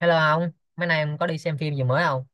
Hello ông, mấy nay ông có đi xem phim gì mới không?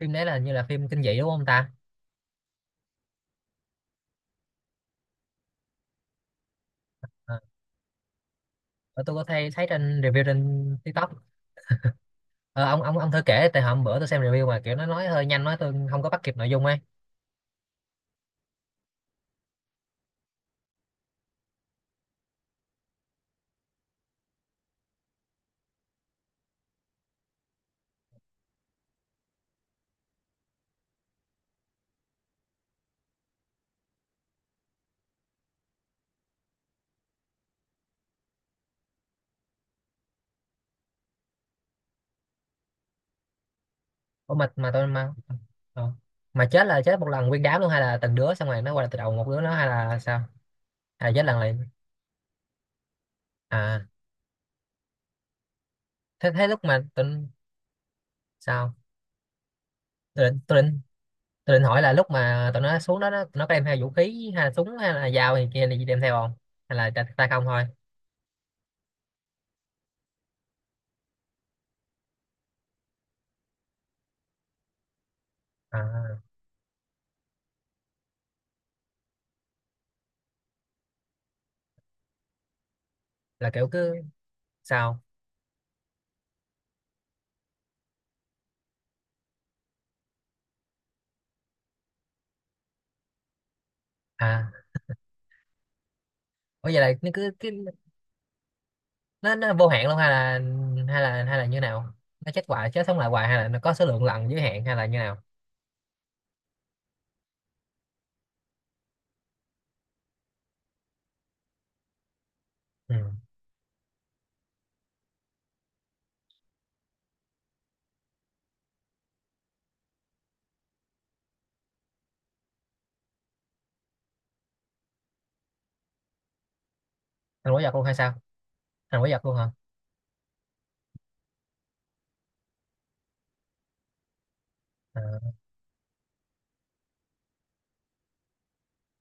Phim đấy là hình như là phim kinh dị đúng không ta? Ờ, ờ, tôi có thấy thấy trên review trên TikTok. Ờ, ông thử kể tại hôm bữa tôi xem review mà kiểu nó nói hơi nhanh nói tôi không có bắt kịp nội dung ấy. Ủa mà tôi mà ờ. Mà chết là chết một lần nguyên đám luôn hay là từng đứa xong rồi nó quay lại từ đầu một đứa nó hay là sao? Hay là chết lần liền? À, thế thế lúc mà tôi sao? Tôi định tôi định tôi định hỏi là lúc mà tụi nó xuống đó, tụi nó có đem theo vũ khí hay là súng hay là dao gì kia gì đem theo không? Hay là tay tay không thôi? À, là kiểu cứ sao à. Bây giờ là nó cứ cái, nó vô hạn luôn hay là hay là như nào, nó chết hoài chết sống lại hoài hay là nó có số lượng lần giới hạn hay là như nào? Ừ. Thành quái vật luôn hay sao, thành quái vật luôn hả? À,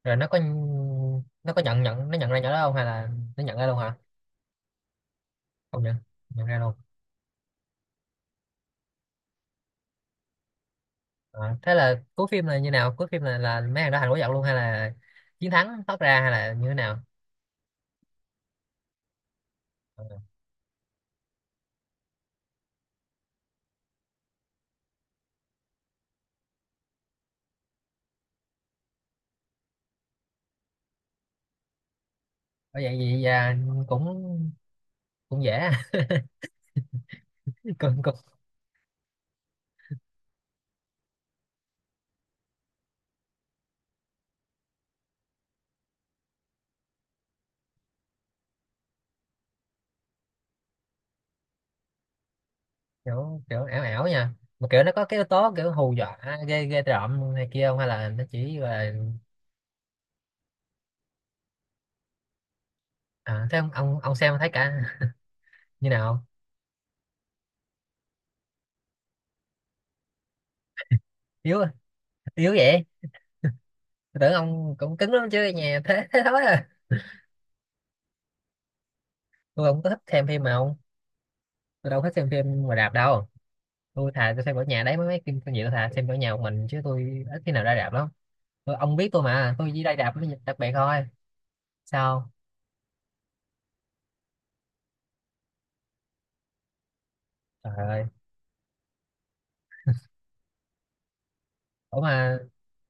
rồi nó có nhận nhận nó nhận ra nhỏ đó không hay là nó nhận ra luôn hả? Không nhận Nhận ra luôn. Ờ, thế là cuối phim là như nào, cuối phim là mấy thằng đó thành quái vật luôn hay là chiến thắng thoát ra hay là như thế nào? Ờ, có vậy gì à, cũng cũng dễ. cũng, cũng kiểu kiểu ảo ảo nha, mà kiểu nó có cái yếu tố kiểu hù dọa ghê ghê rợn này kia không hay là nó chỉ là à, thế ông xem thấy cả như nào không? Yếu Yếu vậy, tôi tưởng ông cũng cứng lắm chứ, nhà thế thế thôi à? Tôi không có thích xem phim mà ông, tôi đâu thích xem phim ngoài rạp đâu. Tôi thà tôi xem ở nhà đấy, mấy mấy phim phim gì tôi thà xem ở nhà một mình chứ tôi ít khi nào ra rạp lắm. Tôi, ông biết tôi mà, tôi chỉ ra rạp với dịp đặc biệt thôi. Sao? Trời ơi. Ủa mà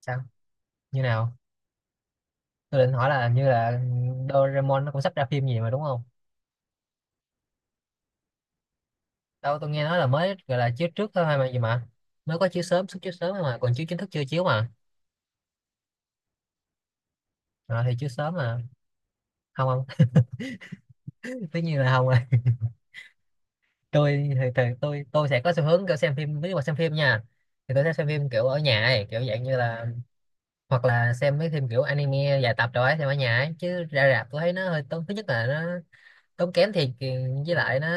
sao, như nào? Tôi định hỏi là như là Doraemon nó cũng sắp ra phim gì mà đúng không? Đâu tôi nghe nói là mới gọi là chiếu trước thôi mà, gì mà mới có chiếu sớm, xuất chiếu sớm thôi mà còn chiếu chính thức chưa chiếu mà. Ờ, thì chiếu sớm mà. Không không tất nhiên là không rồi. Tôi thì tôi sẽ có xu hướng kiểu xem phim ví mà xem phim nha, thì tôi sẽ xem phim kiểu ở nhà ấy, kiểu dạng như là hoặc là xem mấy phim kiểu anime dài tập rồi ấy, xem ở nhà ấy. Chứ ra rạp tôi thấy nó hơi tốn, thứ nhất là nó tốn kém thiệt, với lại nó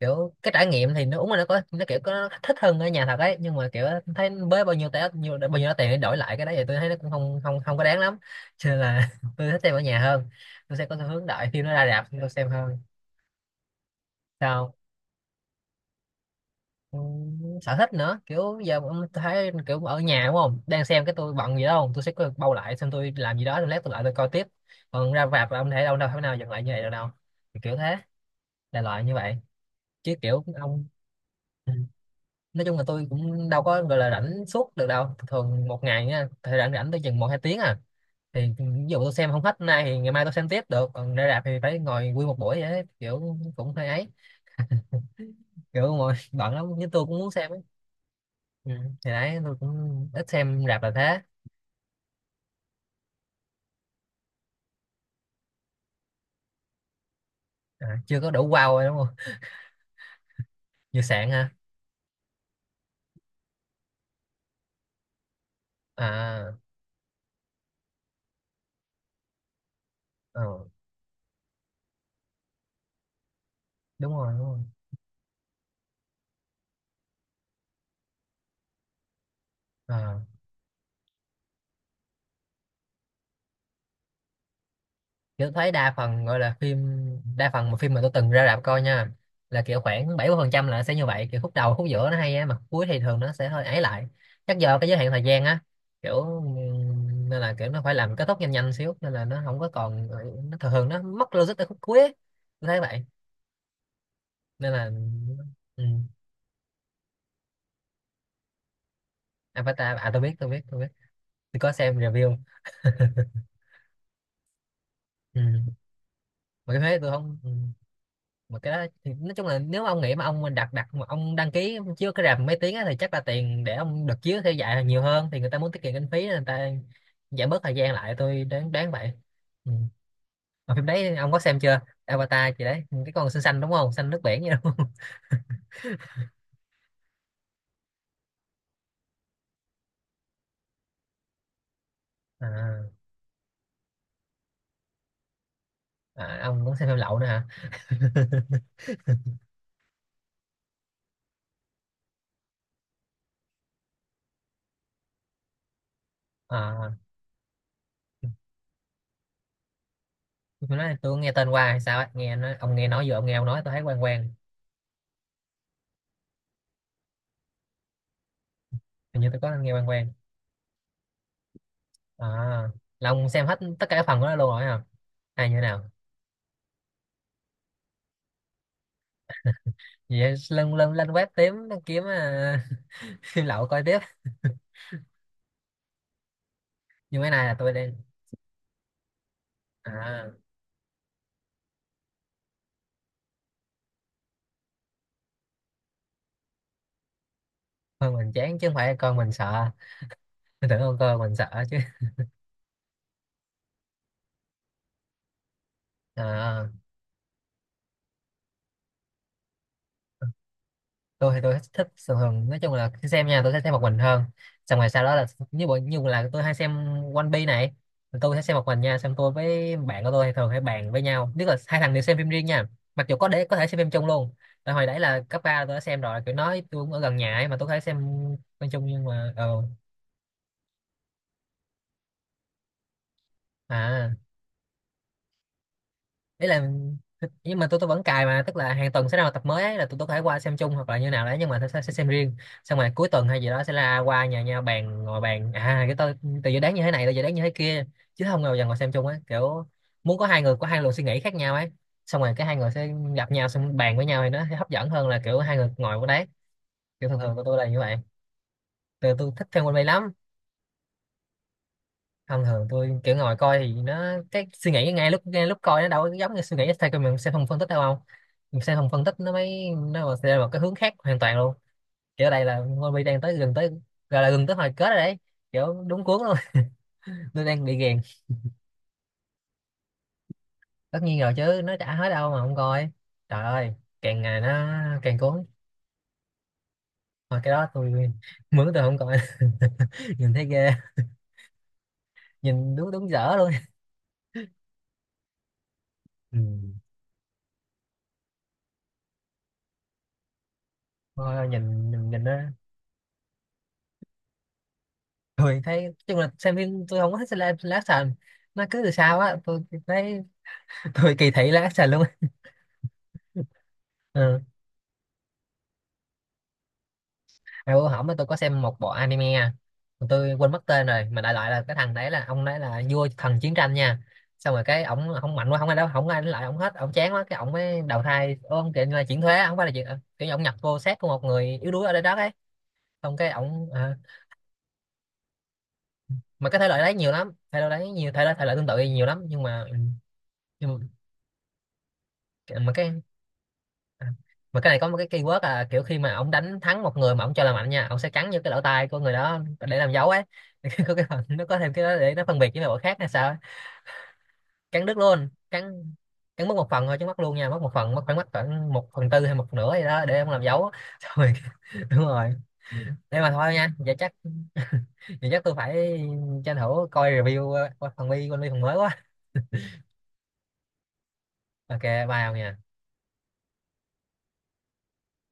kiểu cái trải nghiệm thì nó uống là nó có, nó kiểu có nó thích hơn ở nhà thật ấy, nhưng mà kiểu thấy với bao nhiêu té nhiều bao nhiêu đó tiền để đổi lại cái đấy thì tôi thấy nó cũng không không không có đáng lắm cho nên là tôi thích xem ở nhà hơn. Tôi sẽ có xu hướng đợi khi nó ra rạp tôi xem hơn. Sao? Ừ, sở thích nữa kiểu giờ mà tôi thấy kiểu ở nhà đúng không, đang xem cái tôi bận gì đó không tôi sẽ có bao lại xem, tôi làm gì đó xong lát tôi lại tôi coi tiếp, còn ra rạp là ông thể đâu đâu thể nào dừng lại như vậy được đâu. Thì kiểu thế là loại như vậy. Chứ kiểu ông, ừ, nói chung là tôi cũng đâu có gọi là rảnh suốt được đâu, thường một ngày nha thời rảnh rảnh tôi chừng một hai tiếng à, thì ừ, ví dụ tôi xem không hết nay thì ngày mai tôi xem tiếp được, còn ra rạp thì phải ngồi nguyên một buổi vậy đấy. Kiểu cũng hơi ấy, kiểu ngồi bận lắm nhưng tôi cũng muốn xem ấy. Ừ, thì đấy tôi cũng ít xem rạp là thế. À, chưa có đủ wow rồi đúng không? Vừa sạn ha. À, ừ. Đúng rồi, đúng rồi. À, kiểu thấy đa phần gọi là phim, đa phần mà phim mà tôi từng ra rạp coi nha là kiểu khoảng 70% là nó sẽ như vậy, kiểu khúc đầu khúc giữa nó hay á mà khúc cuối thì thường nó sẽ hơi ấy lại. Chắc do cái giới hạn thời gian á, kiểu nên là kiểu nó phải làm kết thúc nhanh nhanh xíu nên là nó không có còn, nó thường thường nó mất logic ở khúc cuối á, tôi thấy vậy, nên là ừ. Avatar à, tôi biết, tôi có xem review. Ừ, mà cái thế tôi không, ừ, mà cái đó thì nói chung là nếu mà ông nghĩ mà ông đặt đặt mà ông đăng ký chiếu cái rạp mấy tiếng á, thì chắc là tiền để ông được chiếu theo dạy là nhiều hơn, thì người ta muốn tiết kiệm kinh phí nên người ta giảm bớt thời gian lại, tôi đoán đoán vậy. Ừ, mà phim đấy ông có xem chưa? Avatar chị đấy cái con xinh xanh đúng không, xanh nước biển vậy đúng không? À, à, ông cũng xem phim lậu nữa hả? À, phim đó tôi nghe tên qua hay sao á, nghe nó, ông nghe nói vừa ông nghe ông nói tôi thấy quen quen. Hình như tôi có nghe quen quen. À, là ông xem hết tất cả các phần của nó luôn rồi hả, hay như thế nào? Vậy lên lên lên web tím kiếm à, phim lậu coi tiếp. Nhưng cái này là tôi đang à, thôi mình chán chứ không phải con mình sợ. Tôi tưởng con coi mình sợ chứ. À, tôi thì tôi thích thích thường thường nói chung là khi xem nha tôi sẽ xem một mình hơn. Xong rồi sau đó là như bộ như là tôi hay xem One Piece này, tôi sẽ xem một mình nha, xong tôi với bạn của tôi thường hay bàn với nhau, tức là hai thằng đều xem phim riêng nha, mặc dù có để có thể xem phim chung luôn. Tại hồi đấy là cấp ba tôi đã xem rồi, kiểu nói tôi cũng ở gần nhà ấy mà tôi có thể xem phim chung nhưng mà ờ à, ý là nhưng mà tôi vẫn cài mà, tức là hàng tuần sẽ ra một tập mới ấy, là tôi có thể qua xem chung hoặc là như nào đấy, nhưng mà tôi sẽ xem riêng. Xong rồi cuối tuần hay gì đó sẽ là qua nhà nhau bàn, ngồi bàn à cái tôi từ dự đoán như thế này tôi dự đoán như thế kia, chứ không bao giờ ngồi xem chung ấy, kiểu muốn có hai người có hai luồng suy nghĩ khác nhau ấy, xong rồi cái hai người sẽ gặp nhau xong bàn với nhau thì nó sẽ hấp dẫn hơn là kiểu hai người ngồi ở đấy. Kiểu thường thường của tôi là như vậy. Tôi thích xem One Way lắm. Thông thường tôi kiểu ngồi coi thì nó cái suy nghĩ ngay lúc coi nó đâu có giống như suy nghĩ theo, cái mình sẽ không phân tích đâu không, mình sẽ không phân tích nó mới, nó mà sẽ là một cái hướng khác hoàn toàn luôn. Kiểu ở đây là Moby đang tới, gần tới, gọi là gần tới hồi kết rồi đấy, kiểu đúng cuốn luôn. Tôi đang bị ghiền. Tất nhiên rồi chứ, nó chả hết đâu mà không coi. Trời ơi, càng ngày nó càng cuốn. Mà cái đó tôi mướn tôi không coi. Nhìn thấy ghê, nhìn đúng đúng dở luôn. Ừ, thôi nhìn nhìn nó tôi thấy nói chung là xem phim tôi không có thích xem live live action. Nó cứ từ sau á tôi thấy, tôi kỳ thị live action luôn á. Ừ. À, bữa hổm tôi có xem một bộ anime à. Mà tôi quên mất tên rồi, mà đại loại là cái thằng đấy là ông đấy là vua thần chiến tranh nha, xong rồi cái ổng không mạnh quá không ai đó không ai đánh lại ổng hết, ổng chán quá cái ổng mới đầu thai ông kiểu như là chuyển thuế không phải là chuyện kiểu như ổng nhập vô xác của một người yếu đuối ở đây đó ấy, xong cái ổng à, mà cái thể loại đấy nhiều lắm, thể loại đấy nhiều, thể loại tương tự nhiều lắm nhưng mà, ừ, nhưng mà cái À, mà cái này có một cái keyword là kiểu khi mà ông đánh thắng một người mà ông cho là mạnh nha, ông sẽ cắn vô cái lỗ tai của người đó để làm dấu ấy. Có cái phần nó có thêm cái đó để nó phân biệt với mấy khác hay sao ấy. Cắn đứt luôn, cắn cắn mất một phần thôi chứ mất luôn nha, mất một phần, mất khoảng một phần tư hay một nửa gì đó để ông làm dấu. Rồi, đúng rồi, thế mà thôi nha, vậy chắc tôi phải tranh thủ coi review. Ờ, phần bi con bi phần mới quá. Ok bye ông nha.